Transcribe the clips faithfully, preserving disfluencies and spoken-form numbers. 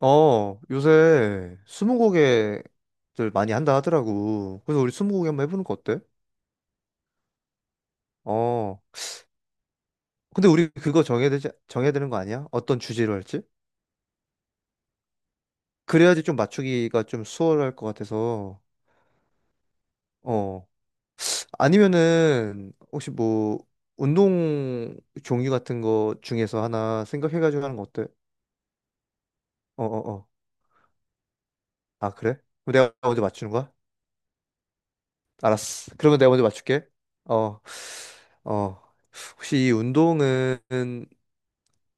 어, 요새 스무고개들 많이 한다 하더라고. 그래서 우리 스무고개 한번 해보는 거 어때? 어. 근데 우리 그거 정해야 되지, 정해야 되는 거 아니야? 어떤 주제로 할지? 그래야지 좀 맞추기가 좀 수월할 것 같아서. 어. 아니면은, 혹시 뭐, 운동 종류 같은 거 중에서 하나 생각해가지고 하는 거 어때? 어, 어, 어. 아, 그래? 그럼 내가 먼저 맞추는 거야? 알았어. 그러면 내가 먼저 맞출게. 어, 어. 혹시 이 운동은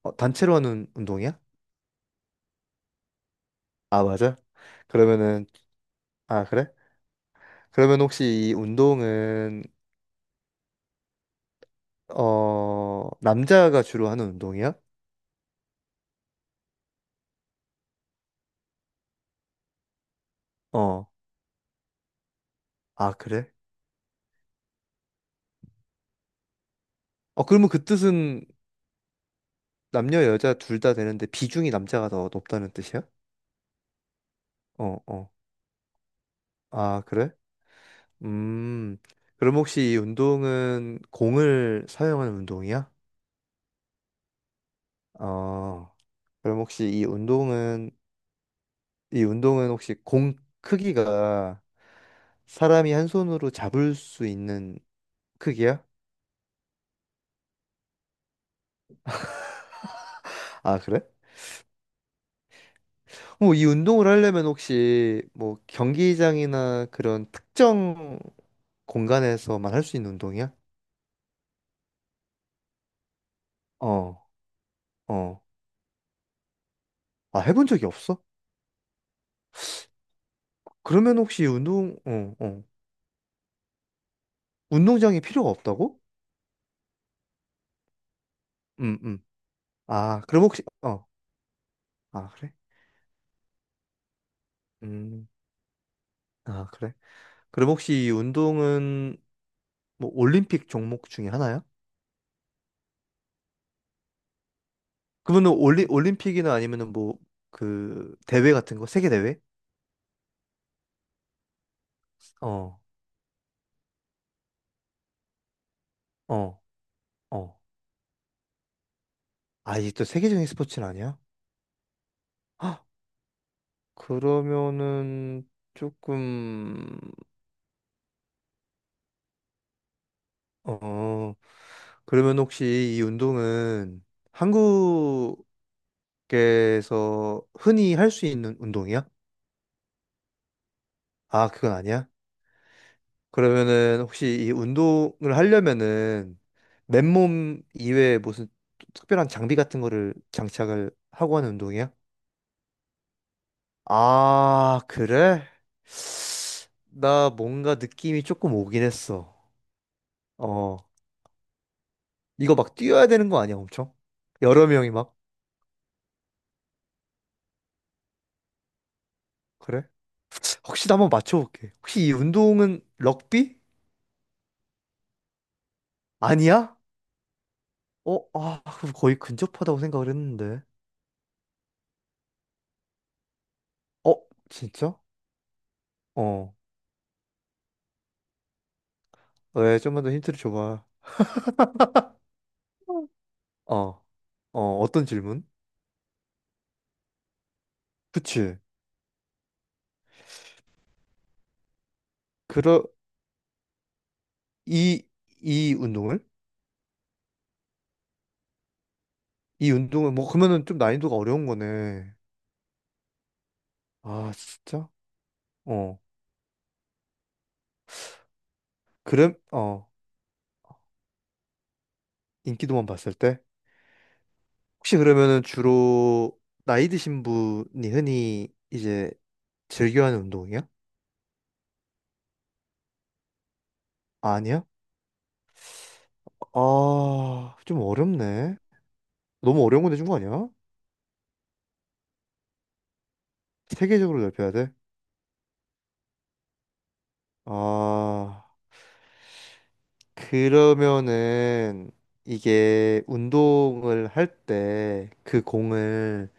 어, 단체로 하는 운동이야? 아, 맞아? 그러면은, 아, 그래? 그러면 혹시 이 운동은, 어, 남자가 주로 하는 운동이야? 어, 아, 그래? 어, 그러면 그 뜻은 남녀, 여자 둘 다 되는데 비중이 남자가 더 높다는 뜻이야? 어, 어. 아, 그래? 음, 그럼 혹시 이 운동은 공을 사용하는 운동이야? 어, 그럼 혹시 이 운동은 이 운동은 혹시 공 크기가 사람이 한 손으로 잡을 수 있는 크기야? 아, 그래? 뭐 이 운동을 하려면 혹시 뭐 경기장이나 그런 특정 공간에서만 할 수 있는 운동이야? 어, 어. 아, 해본 적이 없어? 그러면 혹시 운동, 어, 어. 운동장이 필요가 없다고? 음, 음. 아, 그럼 혹시, 어. 아, 그래? 음, 아, 그래? 그럼 혹시 이 운동은 뭐 올림픽 종목 중에 하나야? 그분은 올리, 올림픽이나 아니면은 뭐, 그, 대회 같은 거? 세계 대회? 어, 어, 어. 아, 이게 또 세계적인 스포츠는 아니야? 헉, 그러면은, 조금, 어, 그러면 혹시 이 운동은 한국에서 흔히 할 수 있는 운동이야? 아, 그건 아니야? 그러면은 혹시 이 운동을 하려면은 맨몸 이외에 무슨 특별한 장비 같은 거를 장착을 하고 하는 운동이야? 아, 그래? 나 뭔가 느낌이 조금 오긴 했어. 어, 이거 막 뛰어야 되는 거 아니야, 엄청? 여러 명이 막. 그래? 혹시 나 한번 맞춰볼게. 혹시 이 운동은 럭비? 아니야? 어, 아, 그럼 거의 근접하다고 생각을 했는데. 어, 진짜? 어, 왜 좀만 더 힌트를 줘봐. 어, 어, 어떤 질문? 그치. 그러, 이, 이 운동을? 이 운동을, 뭐, 그러면은 좀 난이도가 어려운 거네. 아, 진짜? 어 그럼 어 인기도만 봤을 때 혹시 그러면은 주로 나이 드신 분이 흔히 이제 즐겨하는 운동이야? 아니야? 아, 좀 어렵네. 너무 어려운 거 내준 거 아니야? 세계적으로 넓혀야 돼? 아, 그러면은 이게 운동을 할 때 그 공을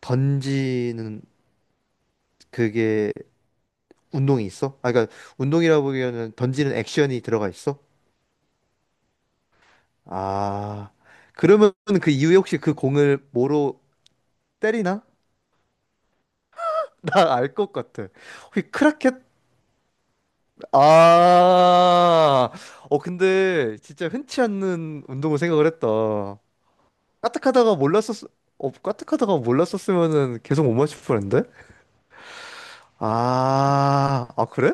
던지는 그게 운동이 있어? 아, 그러니까 운동이라고 보기에는 던지는 액션이 들어가 있어? 아, 그러면 그 이후에 혹시 그 공을 뭐로 때리나? 나 알 것 같아. 혹시 크라켓? 아, 어, 근데 진짜 흔치 않는 운동을 생각을 했다. 까딱하다가 몰랐었, 어, 까딱하다가 몰랐었으면은 계속 못 맞출 뻔했는데? 아, 아, 그래?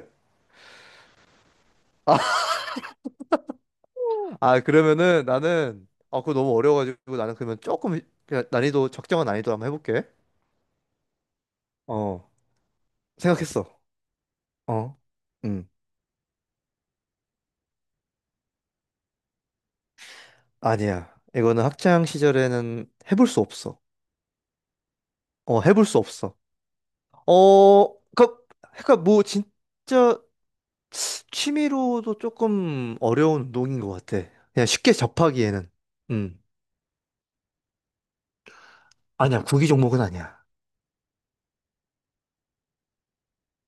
아, 그러면은 나는, 아, 그거 너무 어려워가지고 나는 그러면 조금, 그냥 난이도, 적정한 난이도 한번 해볼게. 어, 생각했어. 어, 응. 아니야. 이거는 학창 시절에는 해볼 수 없어. 어, 해볼 수 없어. 어, 그, 그니까 뭐 진짜 취미로도 조금 어려운 운동인 것 같아. 그냥 쉽게 접하기에는. 음. 아니야, 구기 종목은 아니야.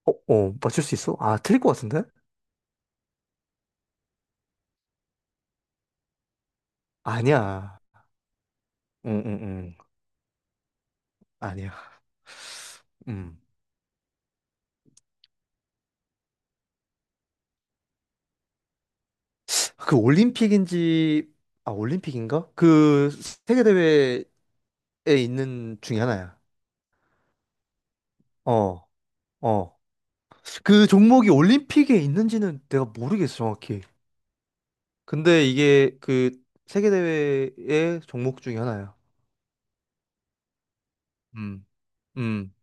어, 어, 맞출 수 있어? 아, 틀릴 것 같은데? 아니야. 응, 응, 응. 아니야. 음. 그 올림픽인지, 아, 올림픽인가? 그 세계대회에 있는 중에 하나야. 어, 어. 그 종목이 올림픽에 있는지는 내가 모르겠어, 정확히. 근데 이게 그 세계대회의 종목 중에 하나야. 음. 음.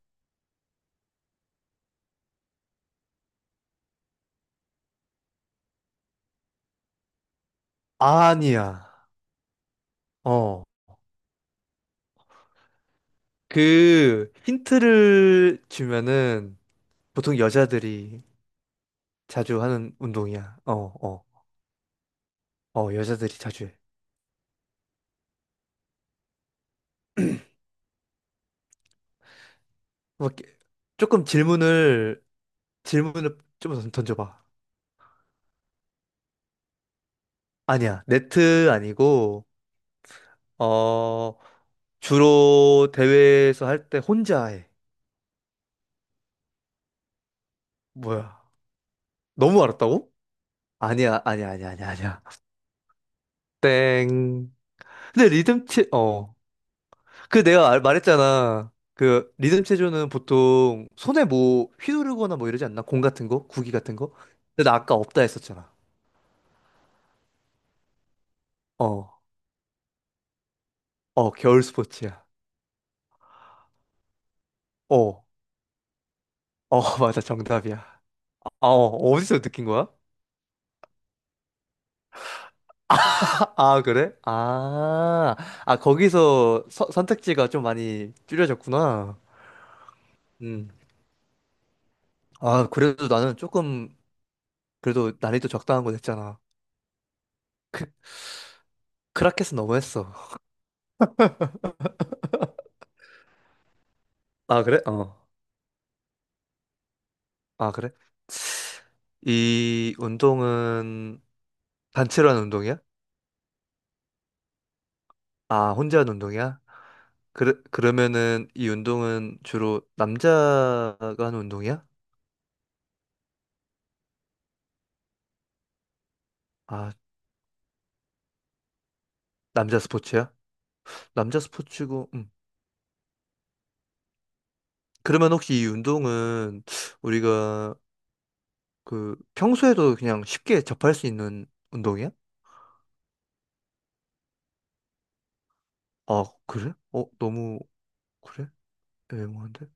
아니야. 어. 그 힌트를 주면은 보통 여자들이 자주 하는 운동이야. 어, 어. 어, 여자들이 자주 해. 뭐 이렇게 조금 질문을 질문을 좀 던- 던져봐. 아니야. 네트 아니고 어 주로 대회에서 할 때 혼자 해. 뭐야? 너무 알았다고? 아니야, 아니야, 아니야, 아니야, 아니야. 땡. 근데 리듬 체, 어. 그 내가 알- 말했잖아. 그 리듬 체조는 보통 손에 뭐 휘두르거나 뭐 이러지 않나? 공 같은 거? 구기 같은 거? 근데 나 아까 없다 했었잖아. 어, 어, 겨울 스포츠야. 어, 어, 맞아, 정답이야. 아, 어, 어디서 느낀 거야? 아, 그래? 아, 아, 거기서 서- 선택지가 좀 많이 줄여졌구나. 음. 아, 그래도 나는 조금 그래도 난이도 적당한 거 냈잖아. 크라켓은 너무했어. 아, 그래? 어. 아, 그래? 이 운동은 단체로 하는 운동이야? 아, 혼자 하는 운동이야? 그러, 그러면은 이 운동은 주로 남자가 하는 운동이야? 아, 남자 스포츠야? 남자 스포츠고, 음. 그러면 혹시 이 운동은 우리가 그 평소에도 그냥 쉽게 접할 수 있는 운동이야? 아, 그래? 어, 너무, 그래? 애매한데?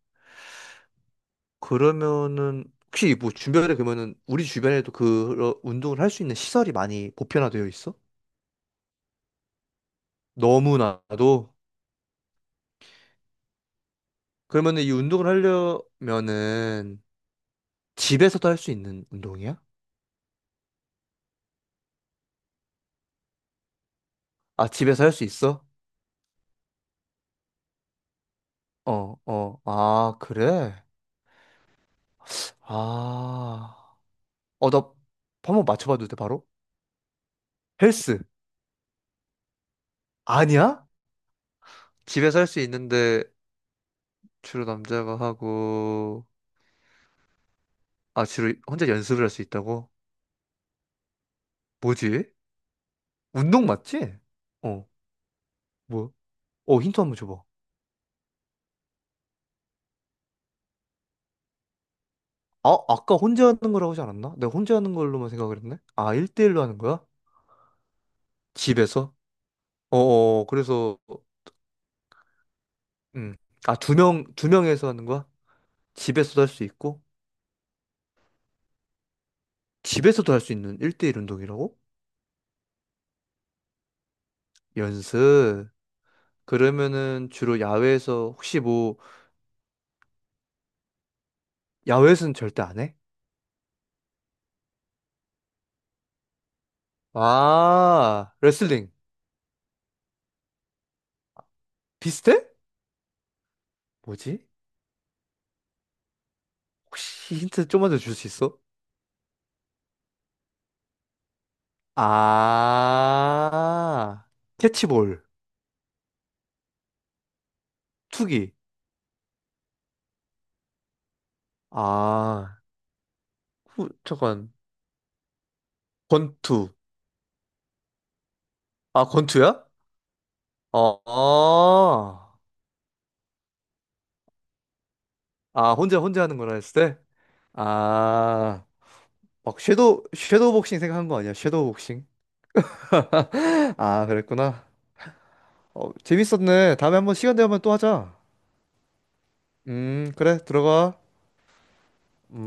그러면은 혹시 뭐 주변에 그러면은 우리 주변에도 그런 운동을 할 수 있는 시설이 많이 보편화되어 있어? 너무나도 그러면은 이 운동을 하려면은 집에서도 할 수 있는 운동이야? 아 집에서 할 수 있어? 어 어 아 그래? 아어나 한번 맞춰봐도 돼 바로? 헬스 아니야? 집에서 할 수 있는데 주로 남자가 하고 아 주로 혼자 연습을 할 수 있다고? 뭐지? 운동 맞지? 어. 뭐 어, 힌트 한번 줘봐. 아, 아까 혼자 하는 거라고 하지 않았나? 내가 혼자 하는 걸로만 생각을 했네. 아, 일 대일로 하는 거야? 집에서? 어, 어, 어, 그래서, 음. 아, 두 명, 두 명에서 하는 거야? 집에서도 할 수 있고? 집에서도 할 수 있는 일 대일 운동이라고? 연습. 그러면은 주로 야외에서, 혹시 뭐, 야외에서는 절대 안 해? 아, 레슬링. 비슷해? 뭐지? 혹시 힌트 좀만 더 줄 수 있어? 아, 캐치볼. 투기. 아, 후, 잠깐. 권투. 아, 권투야? 어, 아, 아, 혼자, 혼자 하는 거라 했을 때? 아, 막 섀도우, 섀도우 복싱 생각한 거 아니야? 섀도우 복싱? 아, 그랬구나. 어, 재밌었네. 다음에 한번 시간 되면 또 하자. 음, 그래, 들어가.